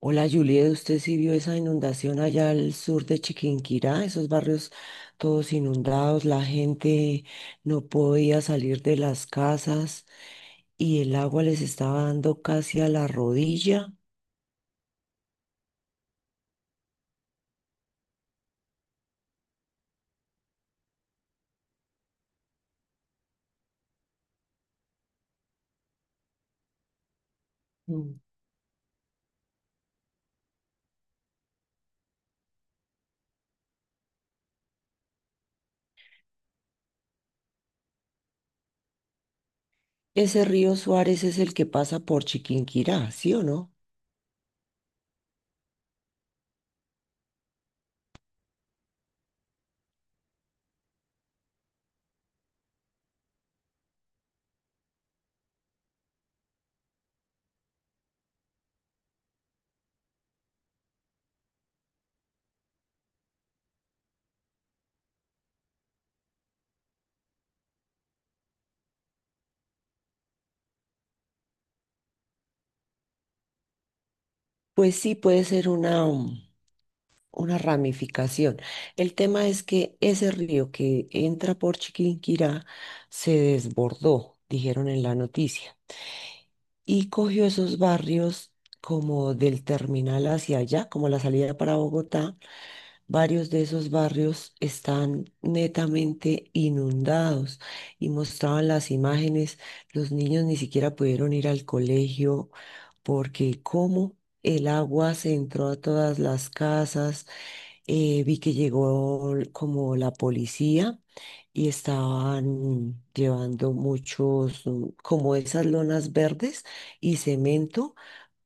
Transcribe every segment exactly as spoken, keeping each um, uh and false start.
Hola Juliet, ¿usted sí vio esa inundación allá al sur de Chiquinquirá? Esos barrios todos inundados, la gente no podía salir de las casas y el agua les estaba dando casi a la rodilla. Mm. Ese río Suárez es el que pasa por Chiquinquirá, ¿sí o no? Pues sí, puede ser una, um, una ramificación. El tema es que ese río que entra por Chiquinquirá se desbordó, dijeron en la noticia, y cogió esos barrios como del terminal hacia allá, como la salida para Bogotá. Varios de esos barrios están netamente inundados y mostraban las imágenes. Los niños ni siquiera pudieron ir al colegio porque como el agua se entró a todas las casas, eh, vi que llegó como la policía y estaban llevando muchos, mm, como esas lonas verdes y cemento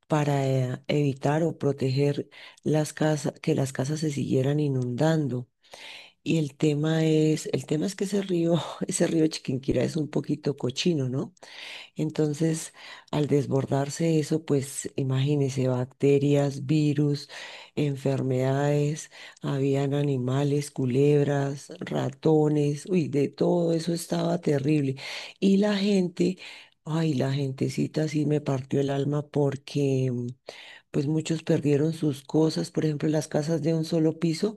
para eh, evitar o proteger las casas, que las casas se siguieran inundando. Y el tema es, el tema es que ese río, ese río Chiquinquirá es un poquito cochino, ¿no? Entonces, al desbordarse eso, pues imagínense bacterias, virus, enfermedades, habían animales, culebras, ratones, uy, de todo eso estaba terrible. Y la gente, ay, la gentecita sí me partió el alma porque mm, pues muchos perdieron sus cosas, por ejemplo, las casas de un solo piso,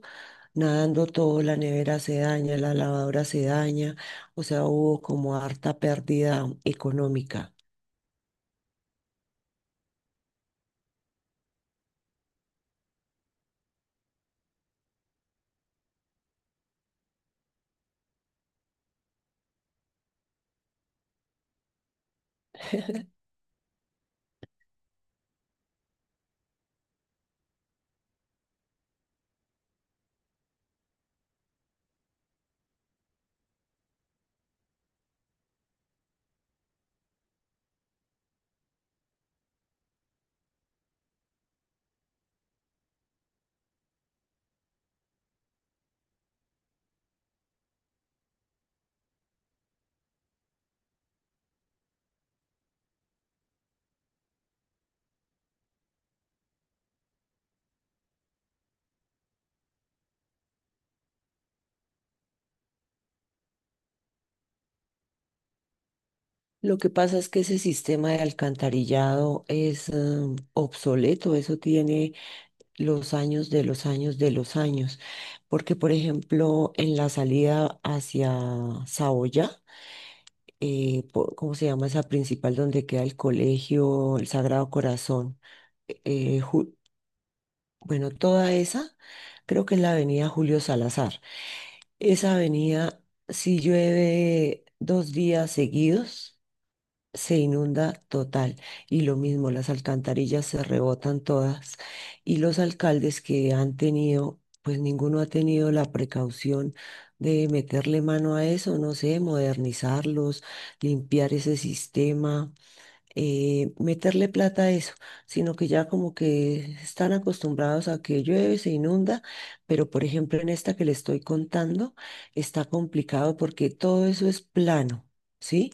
nadando todo, la nevera se daña, la lavadora se daña, o sea, hubo como harta pérdida económica. Lo que pasa es que ese sistema de alcantarillado es mm, obsoleto. Eso tiene los años de los años de los años, porque por ejemplo en la salida hacia Saoya, eh, po- ¿cómo se llama esa principal donde queda el colegio, el Sagrado Corazón? E, Eh, Ju- bueno, toda esa, creo que es la avenida Julio Salazar. Esa avenida, si llueve dos días seguidos, se inunda total, y lo mismo, las alcantarillas se rebotan todas, y los alcaldes que han tenido, pues ninguno ha tenido la precaución de meterle mano a eso, no sé, modernizarlos, limpiar ese sistema, eh, meterle plata a eso, sino que ya como que están acostumbrados a que llueve, se inunda. Pero por ejemplo en esta que le estoy contando está complicado porque todo eso es plano, ¿sí?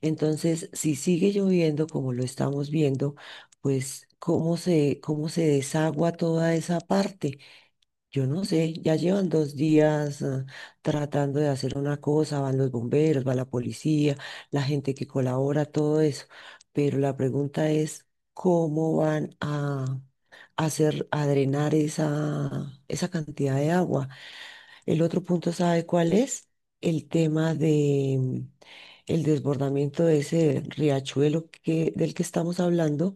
Entonces, si sigue lloviendo como lo estamos viendo, pues cómo se, cómo se desagua toda esa parte. Yo no sé, ya llevan dos días ah, tratando de hacer una cosa, van los bomberos, va la policía, la gente que colabora, todo eso. Pero la pregunta es, ¿cómo van a hacer, a drenar esa, esa cantidad de agua? El otro punto, ¿sabe cuál es? El tema de mm, el desbordamiento de ese riachuelo que, del que estamos hablando.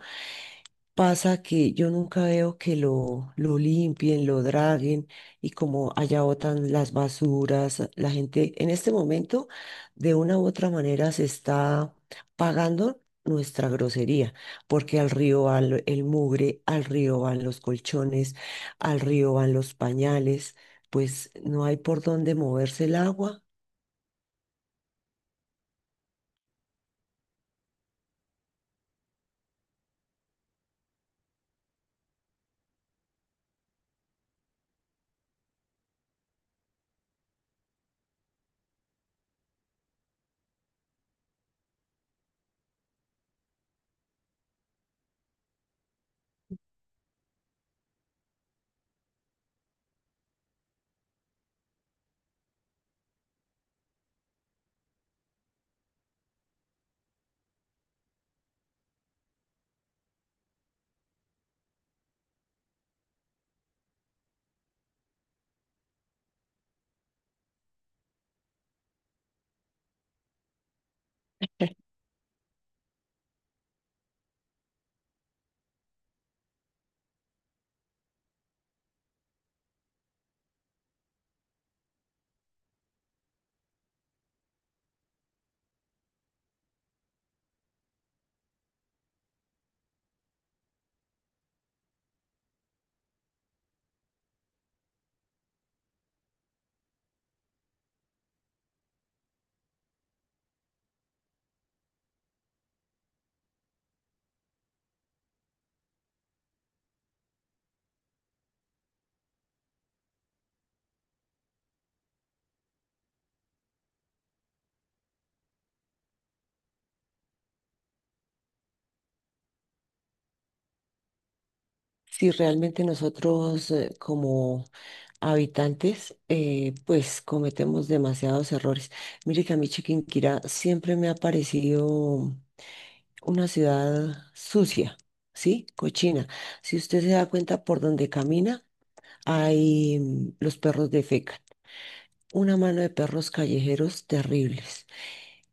Pasa que yo nunca veo que lo, lo limpien, lo draguen, y como allá botan las basuras, la gente en este momento de una u otra manera se está pagando nuestra grosería, porque al río va lo- el mugre, al río van los colchones, al río van los pañales, pues no hay por dónde moverse el agua. Si realmente nosotros eh, como habitantes, eh, pues cometemos demasiados errores. Mire que a mí Chiquinquirá siempre me ha parecido una ciudad sucia, ¿sí? Cochina. Si usted se da cuenta por donde camina, hay mm, los perros defecan. Una mano de perros callejeros terribles.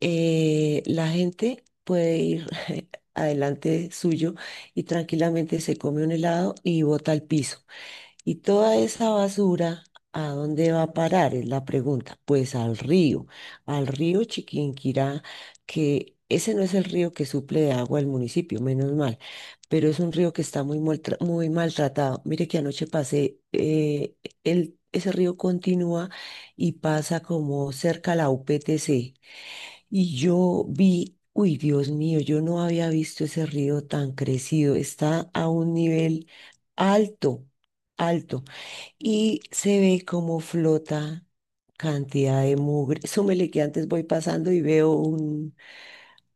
Eh, la gente puede ir adelante suyo y tranquilamente se come un helado y bota al piso. Y toda esa basura, ¿a dónde va a parar? Es la pregunta. Pues al río, al río Chiquinquirá, que ese no es el río que suple de agua al municipio, menos mal, pero es un río que está muy, maltra- muy maltratado. Mire que anoche pasé, eh, el, ese río continúa y pasa como cerca a la U P T C. Y yo vi, uy, Dios mío, yo no había visto ese río tan crecido. Está a un nivel alto, alto, y se ve como flota cantidad de mugre. Súmele que antes voy pasando y veo un,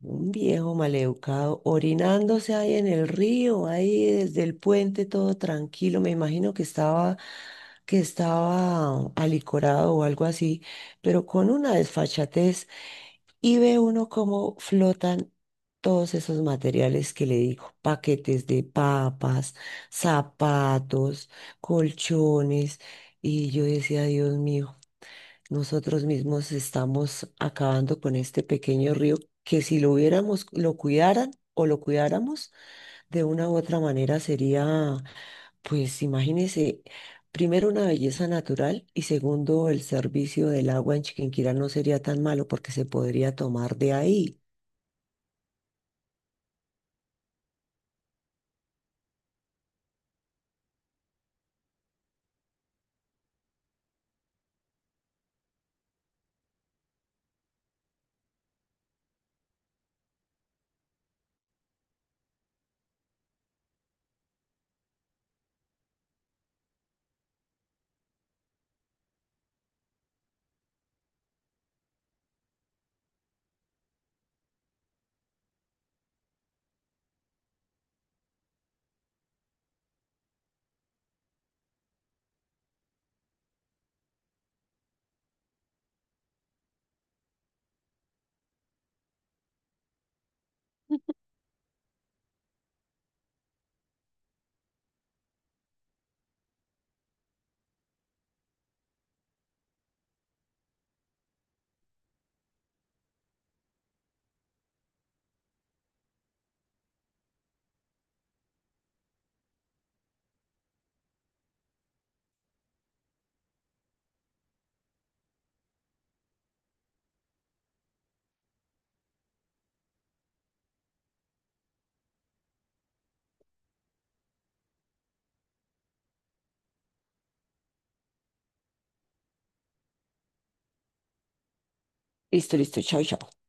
un viejo maleducado orinándose ahí en el río, ahí desde el puente, todo tranquilo. Me imagino que estaba, que estaba alicorado o algo así, pero con una desfachatez. Y ve uno cómo flotan todos esos materiales que le digo, paquetes de papas, zapatos, colchones. Y yo decía, Dios mío. Nosotros mismos estamos acabando con este pequeño río, que si lo hubiéramos, lo cuidaran o lo cuidáramos de una u otra manera sería, pues imagínese, primero una belleza natural y segundo el servicio del agua en Chiquinquirá no sería tan malo porque se podría tomar de ahí. Listo, listo, chao, chao.